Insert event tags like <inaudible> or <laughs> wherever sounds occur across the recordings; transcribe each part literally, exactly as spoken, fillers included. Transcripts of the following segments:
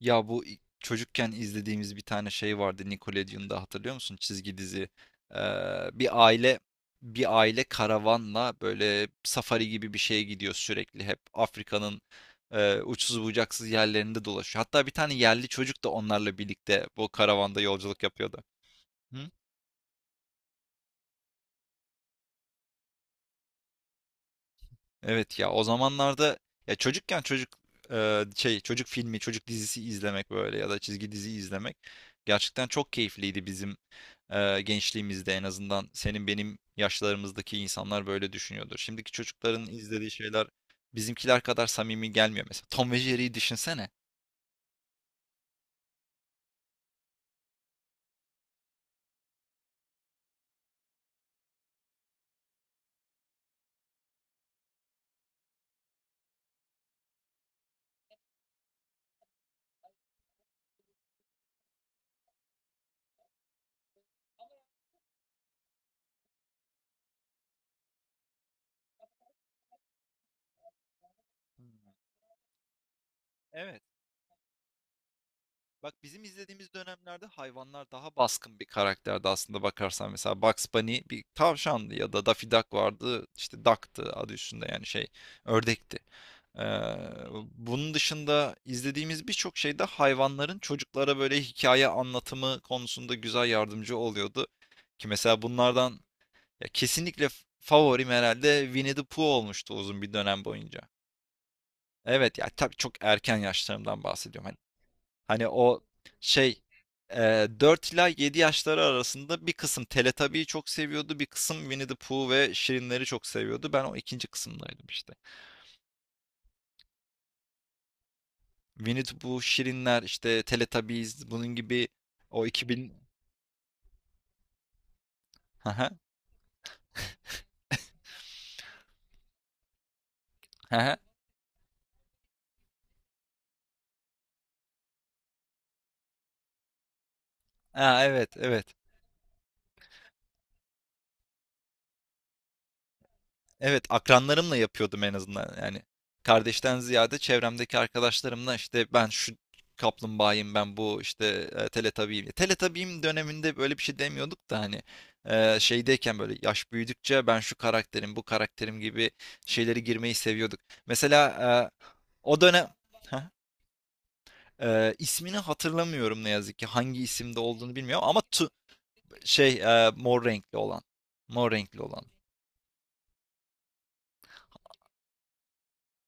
Ya bu i- çocukken izlediğimiz bir tane şey vardı Nickelodeon'da, hatırlıyor musun? Çizgi dizi. Ee, bir aile bir aile karavanla böyle safari gibi bir şeye gidiyor sürekli. Hep Afrika'nın e, uçsuz bucaksız yerlerinde dolaşıyor. Hatta bir tane yerli çocuk da onlarla birlikte bu karavanda yolculuk yapıyordu. Hı? Evet ya, o zamanlarda ya çocukken çocuk e, şey çocuk filmi, çocuk dizisi izlemek, böyle ya da çizgi dizi izlemek gerçekten çok keyifliydi bizim Eee, gençliğimizde. En azından senin benim yaşlarımızdaki insanlar böyle düşünüyordur. Şimdiki çocukların izlediği şeyler bizimkiler kadar samimi gelmiyor mesela. Tom ve Jerry'yi düşünsene. Evet. Bak, bizim izlediğimiz dönemlerde hayvanlar daha baskın bir karakterdi aslında bakarsan. Mesela Bugs Bunny bir tavşandı, ya da Daffy Duck vardı. İşte Duck'tı, adı üstünde, yani şey, ördekti. Ee, bunun dışında izlediğimiz birçok şeyde hayvanların çocuklara böyle hikaye anlatımı konusunda güzel yardımcı oluyordu. Ki mesela bunlardan, ya, kesinlikle f- favorim herhalde Winnie the Pooh olmuştu uzun bir dönem boyunca. Evet ya, tabii çok erken yaşlarımdan bahsediyorum. Hani. Hani o şey, e, dört ila yedi yaşları arasında bir kısım Teletubby'yi çok seviyordu. Bir kısım Winnie the Pooh ve Şirinleri çok seviyordu. Ben o ikinci kısımdaydım işte. Winnie the Pooh, Şirinler, işte Teletubbies, bunun gibi. O iki bin... Haha, haha. <laughs> Ha, evet, evet. Evet, akranlarımla yapıyordum en azından. Yani kardeşten ziyade çevremdeki arkadaşlarımla, işte ben şu kaplumbağayım, ben bu işte e, teletabiyim. Teletabiyim döneminde böyle bir şey demiyorduk da, hani e, şeydeyken böyle, yaş büyüdükçe, ben şu karakterim, bu karakterim gibi şeyleri girmeyi seviyorduk. Mesela e, o dönem. Heh. E, ismini hatırlamıyorum ne yazık ki. Hangi isimde olduğunu bilmiyorum ama tu- şey e, mor renkli olan. Mor renkli olan.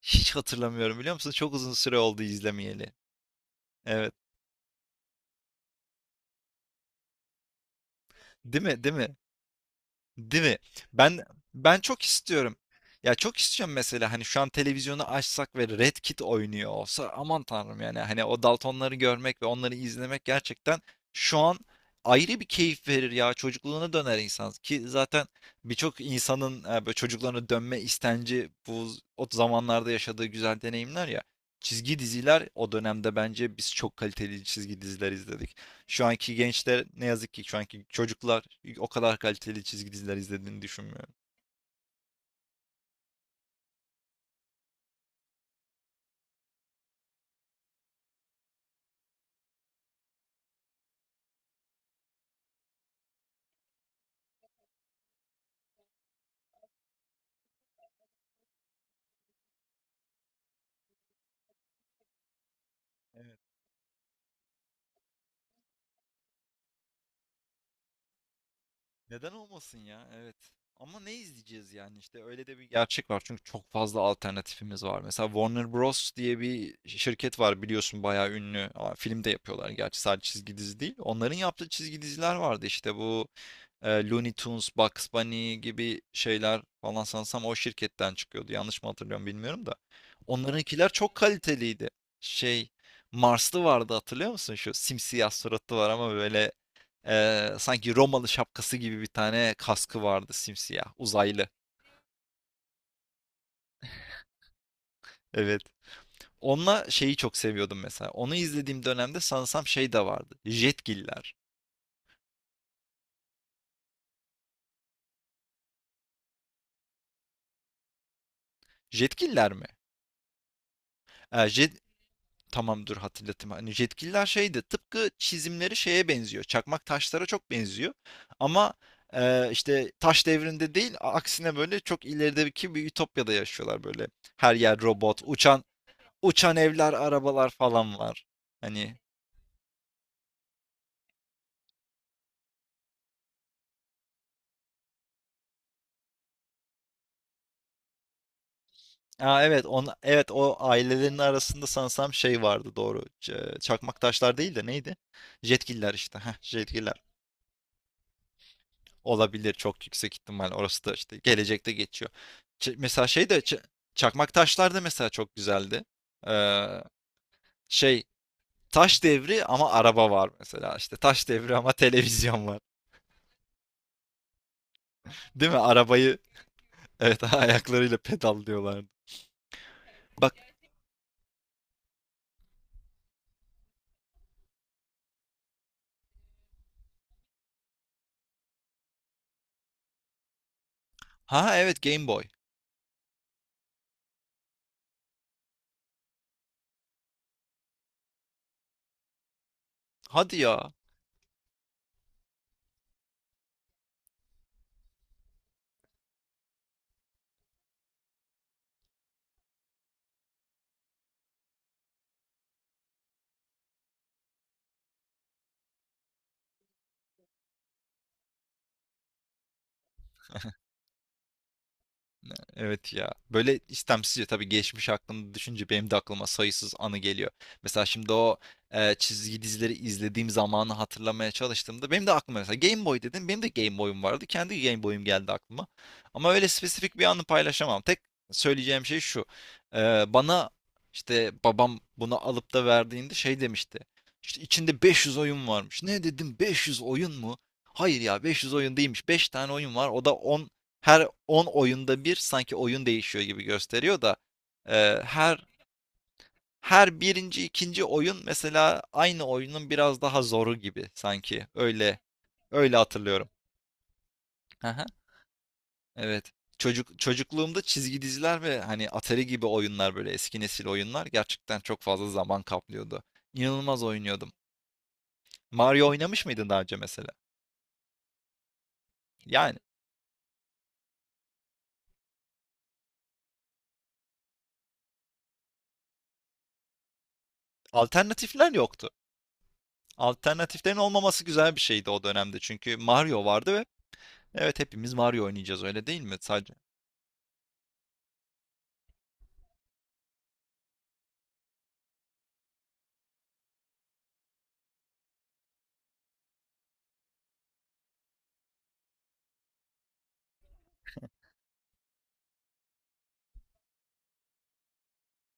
Hiç hatırlamıyorum, biliyor musun? Çok uzun süre oldu izlemeyeli. Evet. Değil mi? Değil mi? Değil mi? Ben ben çok istiyorum. Ya çok istiyorum, mesela hani şu an televizyonu açsak ve Red Kit oynuyor olsa, aman tanrım, yani hani o Daltonları görmek ve onları izlemek gerçekten şu an ayrı bir keyif verir ya, çocukluğuna döner insan. Ki zaten birçok insanın e, böyle çocukluğuna dönme istenci, bu o zamanlarda yaşadığı güzel deneyimler ya. Çizgi diziler, o dönemde bence biz çok kaliteli çizgi diziler izledik. Şu anki gençler, ne yazık ki şu anki çocuklar, o kadar kaliteli çizgi diziler izlediğini düşünmüyorum. Neden olmasın ya? Evet. Ama ne izleyeceğiz, yani işte öyle de bir gerçek var. Çünkü çok fazla alternatifimiz var. Mesela Warner Bros. Diye bir şirket var, biliyorsun, bayağı ünlü. Aa, film de yapıyorlar gerçi, sadece çizgi dizi değil. Onların yaptığı çizgi diziler vardı, işte bu e, Looney Tunes, Bugs Bunny gibi şeyler falan sanırsam o şirketten çıkıyordu. Yanlış mı hatırlıyorum bilmiyorum da. Onlarınkiler çok kaliteliydi. Şey Marslı vardı, hatırlıyor musun? Şu simsiyah suratlı var, ama böyle e, sanki Romalı şapkası gibi bir tane kaskı vardı, simsiyah uzaylı. Evet. Onunla şeyi çok seviyordum mesela. Onu izlediğim dönemde sanırsam şey de vardı. Jetgiller. Jetgiller mi? E, jet, Tamamdır, dur hatırlatayım. Hani yetkililer şeydi, tıpkı çizimleri şeye benziyor. Çakmak taşlara çok benziyor. Ama e, işte taş devrinde değil, aksine böyle çok ilerideki bir ütopyada yaşıyorlar böyle. Her yer robot, uçan uçan evler, arabalar falan var. Hani. Aa, evet, on evet, o ailelerin arasında sanırsam şey vardı, doğru. Ç- çakmak taşlar değil de neydi? Jetgiller işte. Heh, jetgiller. Olabilir, çok yüksek ihtimal. Orası da işte gelecekte geçiyor. Ç- mesela şey de Ç- Çakmak taşlar da mesela çok güzeldi. Ee, şey Taş devri ama araba var mesela. İşte taş devri ama <laughs> televizyon var. Değil mi? Arabayı, evet <laughs> ayaklarıyla pedallıyorlardı. Bak. Ha, evet, Game Boy. Hadi ya. Evet ya. Böyle istemsizce tabii, geçmiş aklımda düşünce benim de aklıma sayısız anı geliyor. Mesela şimdi o e, çizgi dizileri izlediğim zamanı hatırlamaya çalıştığımda benim de aklıma, mesela, Game Boy dedim. Benim de Game Boy'um vardı. Kendi Game Boy'um geldi aklıma. Ama öyle spesifik bir anı paylaşamam. Tek söyleyeceğim şey şu. E, bana, işte babam bunu alıp da verdiğinde şey demişti. İşte içinde beş yüz oyun varmış. Ne dedim, beş yüz oyun mu? Hayır ya, beş yüz oyun değilmiş. Beş tane oyun var. O da, on her on oyunda bir sanki oyun değişiyor gibi gösteriyor da e, her her birinci, ikinci oyun mesela aynı oyunun biraz daha zoru gibi sanki. Öyle öyle hatırlıyorum. Aha, evet. Çocuk çocukluğumda çizgi diziler ve hani Atari gibi oyunlar, böyle eski nesil oyunlar, gerçekten çok fazla zaman kaplıyordu. İnanılmaz oynuyordum. Mario oynamış mıydın daha önce, mesela? Yani alternatifler yoktu. Alternatiflerin olmaması güzel bir şeydi o dönemde, çünkü Mario vardı ve evet, hepimiz Mario oynayacağız, öyle değil mi? Sadece.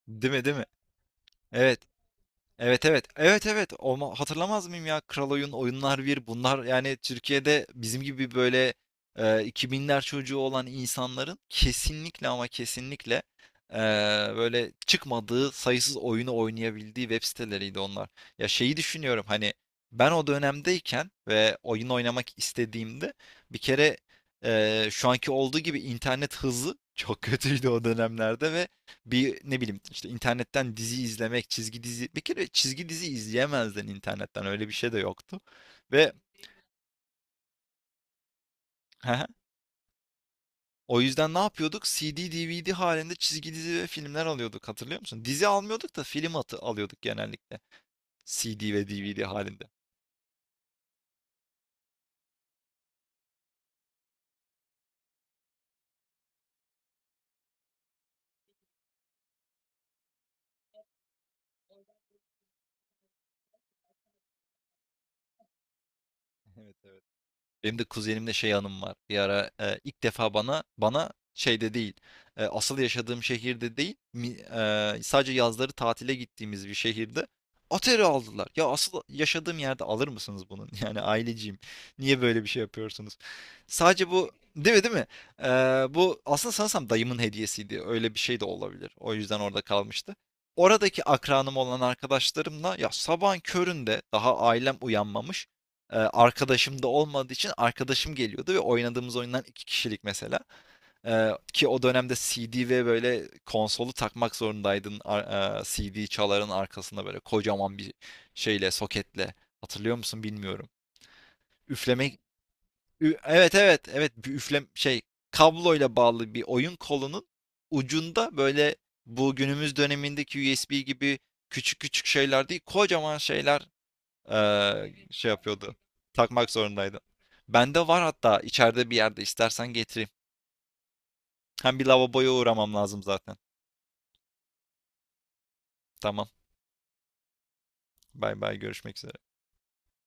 Değil mi, değil mi? Evet. Evet, evet. Evet, evet. Olma, hatırlamaz mıyım ya? Kral Oyun, Oyunlar, bir, bunlar, yani Türkiye'de bizim gibi böyle e, iki binler çocuğu olan insanların kesinlikle ama kesinlikle e, böyle çıkmadığı sayısız oyunu oynayabildiği web siteleriydi onlar. Ya şeyi düşünüyorum, hani ben o dönemdeyken ve oyun oynamak istediğimde, bir kere e, şu anki olduğu gibi internet hızı <laughs> çok kötüydü o dönemlerde ve bir, ne bileyim, işte internetten dizi izlemek, çizgi dizi, bir kere çizgi dizi izleyemezdin internetten, öyle bir şey de yoktu. Ve <laughs> o yüzden ne yapıyorduk? C D, D V D halinde çizgi dizi ve filmler alıyorduk, hatırlıyor musun? Dizi almıyorduk da film atı alıyorduk genellikle. C D ve D V D halinde. <laughs> Evet, evet. Benim de kuzenimle şey anım var. Bir ara e, ilk defa bana bana şeyde değil, e, asıl yaşadığım şehirde değil, mi- e, sadece yazları tatile gittiğimiz bir şehirde Atari aldılar. Ya, asıl yaşadığım yerde alır mısınız bunun? <laughs> Yani aileciyim. Niye böyle bir şey yapıyorsunuz? Sadece bu, değil mi, değil mi? E, bu aslında sanırsam dayımın hediyesiydi. Öyle bir şey de olabilir. O yüzden orada kalmıştı. Oradaki akranım olan arkadaşlarımla, ya, sabahın köründe daha ailem uyanmamış. Eee, arkadaşım da olmadığı için, arkadaşım geliyordu ve oynadığımız oyundan iki kişilik mesela. Eee, ki o dönemde C D ve böyle konsolu takmak zorundaydın. Ar- eee, C D çaların arkasında böyle kocaman bir şeyle, soketle. Hatırlıyor musun bilmiyorum. Üflemek. Ü- Evet, evet, evet, bir üflem şey kabloyla bağlı bir oyun kolunun ucunda böyle, bu günümüz dönemindeki U S B gibi küçük küçük şeyler değil, kocaman şeyler, eee, şey yapıyordu. Takmak zorundaydı. Bende var hatta, içeride bir yerde, istersen getireyim. Hem bir lavaboya uğramam lazım zaten. Tamam. Bay bay, görüşmek üzere.